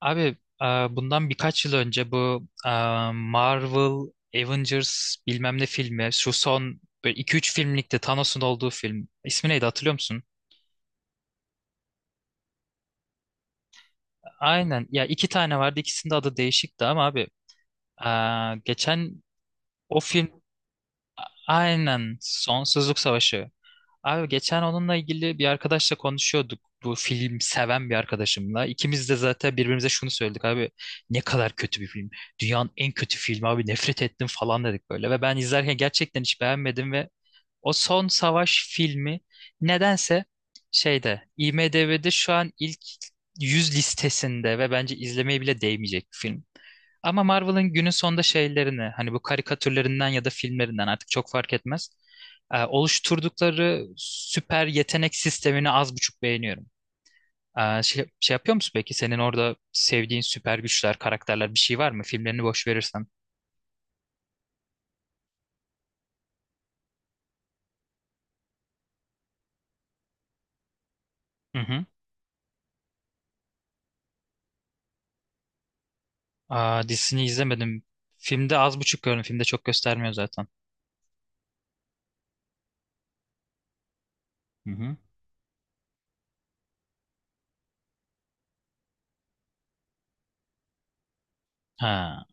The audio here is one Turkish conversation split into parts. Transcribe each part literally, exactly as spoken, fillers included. Abi e, bundan birkaç yıl önce bu e, Marvel Avengers bilmem ne filmi şu son iki üç filmlikte Thanos'un olduğu film. İsmi neydi hatırlıyor musun? Aynen ya iki tane vardı ikisinin de adı değişikti ama abi e, geçen o film aynen Sonsuzluk Savaşı. Abi geçen onunla ilgili bir arkadaşla konuşuyorduk. Bu film seven bir arkadaşımla. İkimiz de zaten birbirimize şunu söyledik abi. Ne kadar kötü bir film. Dünyanın en kötü filmi abi nefret ettim falan dedik böyle. Ve ben izlerken gerçekten hiç beğenmedim ve o son savaş filmi nedense şeyde IMDb'de şu an ilk yüz listesinde ve bence izlemeye bile değmeyecek bir film. Ama Marvel'ın günün sonunda şeylerini hani bu karikatürlerinden ya da filmlerinden artık çok fark etmez e, oluşturdukları süper yetenek sistemini az buçuk beğeniyorum. E, şey, şey yapıyor musun peki? Senin orada sevdiğin süper güçler, karakterler bir şey var mı? Filmlerini boş verirsen. Hı hı. Aa, dizisini izlemedim. Filmde az buçuk gördüm. Filmde çok göstermiyor zaten. Hı hı. Ha.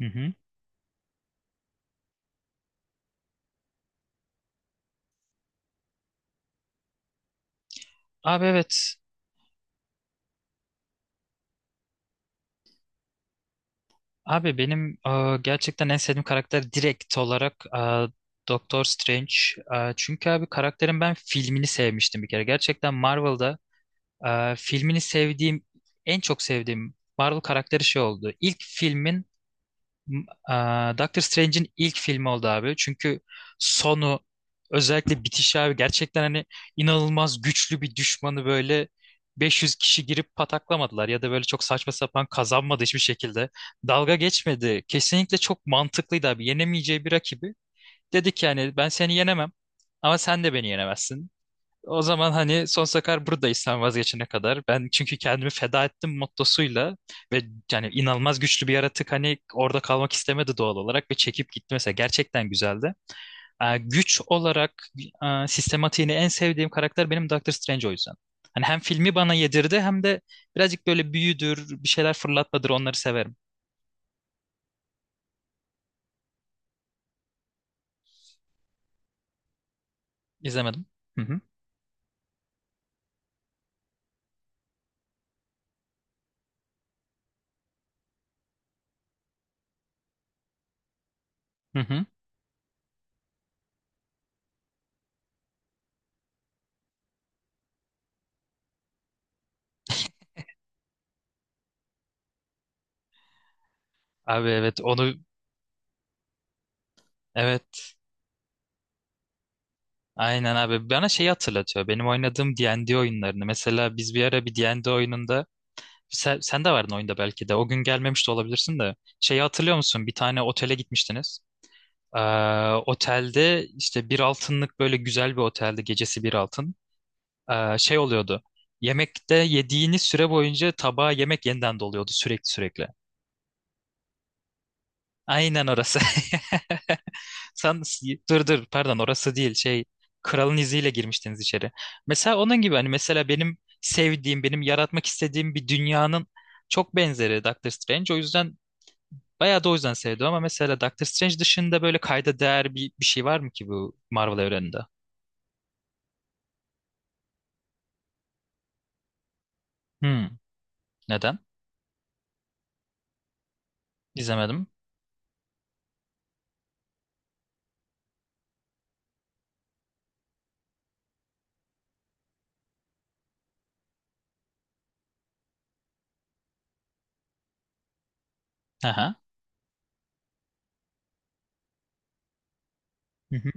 Hı hı. Abi evet. Abi benim e, gerçekten en sevdiğim karakter direkt olarak e, Doctor Strange. E, çünkü abi karakterin ben filmini sevmiştim bir kere. Gerçekten Marvel'da Ee, filmini sevdiğim, en çok sevdiğim Marvel karakteri şey oldu. İlk filmin, m- aa, Doctor Strange'in ilk filmi oldu abi. Çünkü sonu, özellikle bitişi abi gerçekten hani inanılmaz güçlü bir düşmanı böyle beş yüz kişi girip pataklamadılar ya da böyle çok saçma sapan kazanmadı hiçbir şekilde. Dalga geçmedi. Kesinlikle çok mantıklıydı abi. Yenemeyeceği bir rakibi. Dedi ki yani ben seni yenemem ama sen de beni yenemezsin. O zaman hani sonsuza kadar buradayız sen vazgeçene kadar. Ben çünkü kendimi feda ettim mottosuyla ve yani inanılmaz güçlü bir yaratık hani orada kalmak istemedi doğal olarak ve çekip gitti mesela. Gerçekten güzeldi. Ee, güç olarak e, sistematiğini en sevdiğim karakter benim Doctor Strange o yüzden. Hani hem filmi bana yedirdi hem de birazcık böyle büyüdür, bir şeyler fırlatmadır onları severim. İzlemedim. Hı hı. Hı hı. Abi evet onu evet Aynen abi. Bana şeyi hatırlatıyor. Benim oynadığım D and D oyunlarını. Mesela biz bir ara bir D and D oyununda sen, sen de vardın oyunda belki de. O gün gelmemiş de olabilirsin de. Şeyi hatırlıyor musun? Bir tane otele gitmiştiniz. Ee, otelde işte bir altınlık böyle güzel bir otelde gecesi bir altın. Ee, şey oluyordu. Yemekte yediğiniz süre boyunca tabağa yemek yeniden doluyordu sürekli sürekli. Aynen orası. Sen dur dur pardon orası değil şey kralın iziyle girmiştiniz içeri. Mesela onun gibi hani mesela benim sevdiğim benim yaratmak istediğim bir dünyanın çok benzeri Doctor Strange. O yüzden bayağı da o yüzden sevdim ama mesela Doctor Strange dışında böyle kayda değer bir, bir şey var mı ki bu Marvel evreninde? Hmm, neden? İzlemedim. Aha. Hı hı.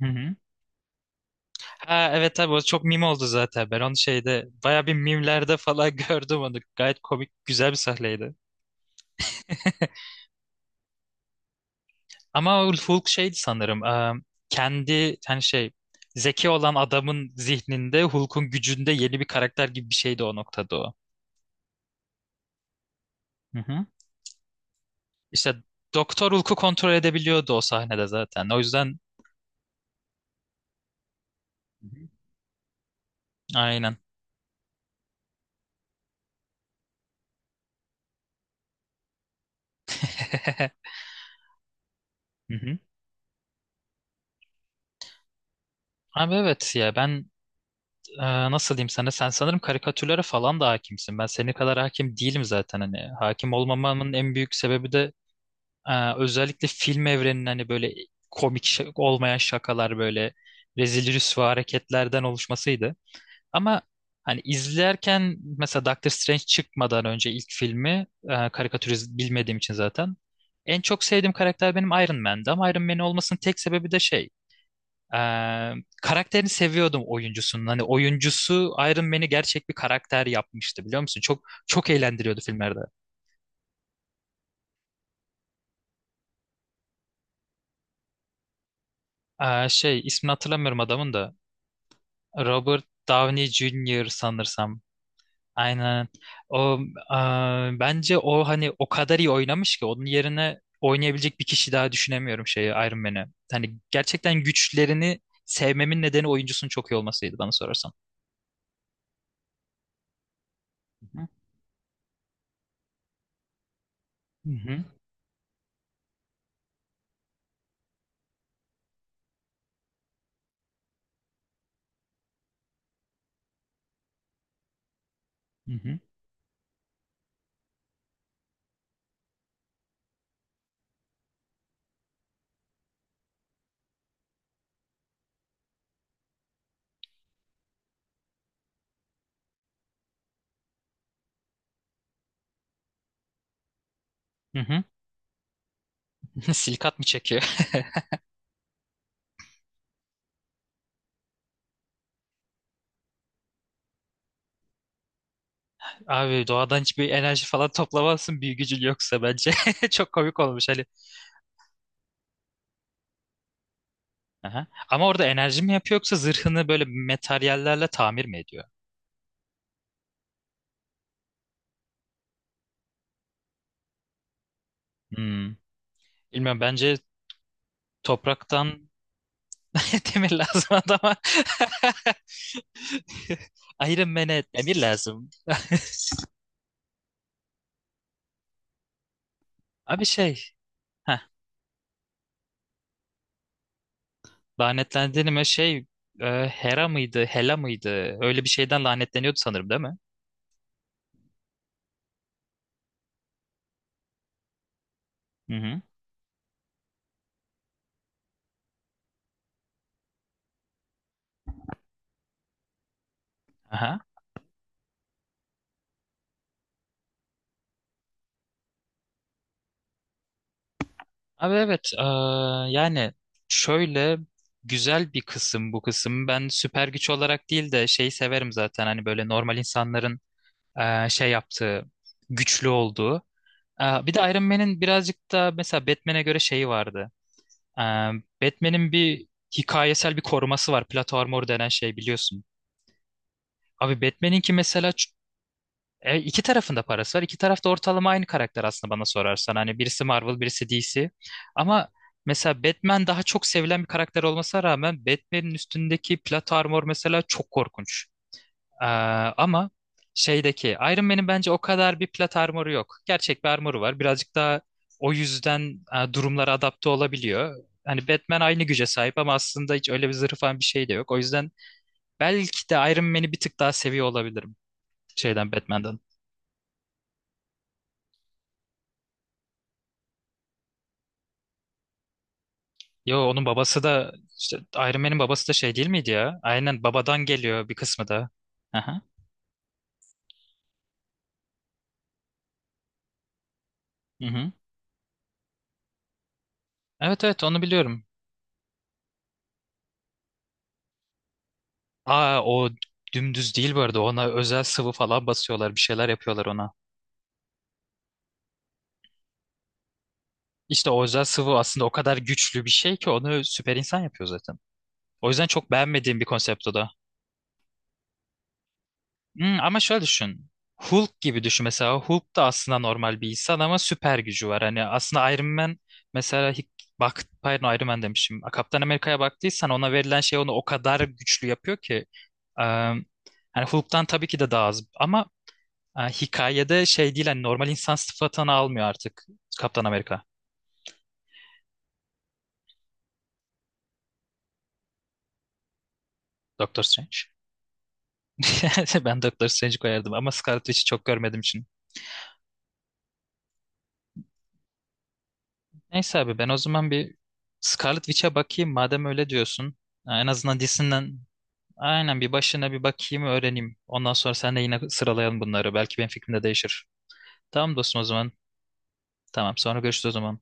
Hı hı. Ha evet tabii o çok meme oldu zaten. Ben onu şeyde bayağı bir mimlerde falan gördüm onu. Gayet komik güzel bir sahneydi. Ama Ulf Hulk şeydi sanırım. e, kendi hani şey zeki olan adamın zihninde Hulk'un gücünde yeni bir karakter gibi bir şeydi o noktada o. Hı hı. İşte Doktor Hulk'u kontrol edebiliyordu o sahnede zaten. O yüzden Hı hı. aynen. Hı hı. Abi evet ya ben e, nasıl diyeyim sana sen sanırım karikatürlere falan da hakimsin. Ben senin kadar hakim değilim zaten hani. Hakim olmamamın en büyük sebebi de Ee, özellikle film evreninin hani böyle komik şa- olmayan şakalar böyle rezil rüsva hareketlerden oluşmasıydı. Ama hani izlerken mesela Doctor Strange çıkmadan önce ilk filmi e, karikatürist bilmediğim için zaten en çok sevdiğim karakter benim Iron Man'di ama Iron Man olmasının tek sebebi de şey e, karakterini seviyordum oyuncusunun. Hani oyuncusu Iron Man'i gerçek bir karakter yapmıştı biliyor musun? Çok çok eğlendiriyordu filmlerde. Ee, şey ismini hatırlamıyorum adamın da. Robert Downey Junior sanırsam. Aynen. O e, bence o hani o kadar iyi oynamış ki onun yerine oynayabilecek bir kişi daha düşünemiyorum şeyi Iron Man'i. Hani gerçekten güçlerini sevmemin nedeni oyuncusunun çok iyi olmasıydı bana sorarsan. Hı hı. Hı hı. Hı hı. hı. Silikat mı çekiyor? Abi doğadan hiçbir enerji falan toplamazsın büyü gücün yoksa bence. Çok komik olmuş hani. Aha. Ama orada enerji mi yapıyor yoksa zırhını böyle materyallerle tamir mi ediyor? Hmm. Bilmiyorum bence Topraktan demir lazım adama. Iron Man'e demir lazım. Abi şey, heh, lanetlendiğime şey e, Hera mıydı, Hela mıydı? Öyle bir şeyden lanetleniyordu sanırım değil mi? Hı hı. Aha. Abi evet, e, yani şöyle güzel bir kısım bu kısım. Ben süper güç olarak değil de şeyi severim zaten. Hani böyle normal insanların e, şey yaptığı, güçlü olduğu. E, bir de Iron Man'in birazcık da mesela Batman'e göre şeyi vardı. Ee, Batman'in bir hikayesel bir koruması var. Plato Armor denen şey biliyorsun. Abi Batman'inki mesela ç- e, iki tarafında parası var. İki tarafta ortalama aynı karakter aslında bana sorarsan. Hani birisi Marvel, birisi D C. Ama mesela Batman daha çok sevilen bir karakter olmasına rağmen Batman'in üstündeki Plato Armor mesela çok korkunç. Ee, ama şeydeki Iron Man'in bence o kadar bir plat armoru yok. Gerçek bir armoru var. Birazcık daha o yüzden e, durumlara adapte olabiliyor. Hani Batman aynı güce sahip ama aslında hiç öyle bir zırhı falan bir şey de yok. O yüzden belki de Iron Man'i bir tık daha seviyor olabilirim şeyden Batman'dan. Yo onun babası da işte Iron Man'in babası da şey değil miydi ya? Aynen babadan geliyor bir kısmı da. Aha. Hı hı. Evet evet onu biliyorum. Aa o dümdüz değil bu arada. Ona özel sıvı falan basıyorlar. Bir şeyler yapıyorlar ona. İşte o özel sıvı aslında o kadar güçlü bir şey ki onu süper insan yapıyor zaten. O yüzden çok beğenmediğim bir konsept o da. Hmm, ama şöyle düşün. Hulk gibi düşün mesela. Hulk da aslında normal bir insan ama süper gücü var. Hani aslında Iron Man mesela hiç- bak pardon Iron Man demişim. Kaptan Amerika'ya baktıysan ona verilen şey onu o kadar güçlü yapıyor ki. Eee hani Hulk'tan tabii ki de daha az ama e, hikayede şey değil hani normal insan sıfatını almıyor artık Kaptan Amerika. Doctor Strange. Ben Doctor Strange koyardım ama Scarlet Witch'i çok görmediğim için. Neyse abi ben o zaman bir Scarlet Witch'e bakayım madem öyle diyorsun. En azından dizisinden aynen bir başına bir bakayım öğreneyim. Ondan sonra sen de yine sıralayalım bunları. Belki benim fikrim de değişir. Tamam dostum o zaman. Tamam sonra görüşürüz o zaman.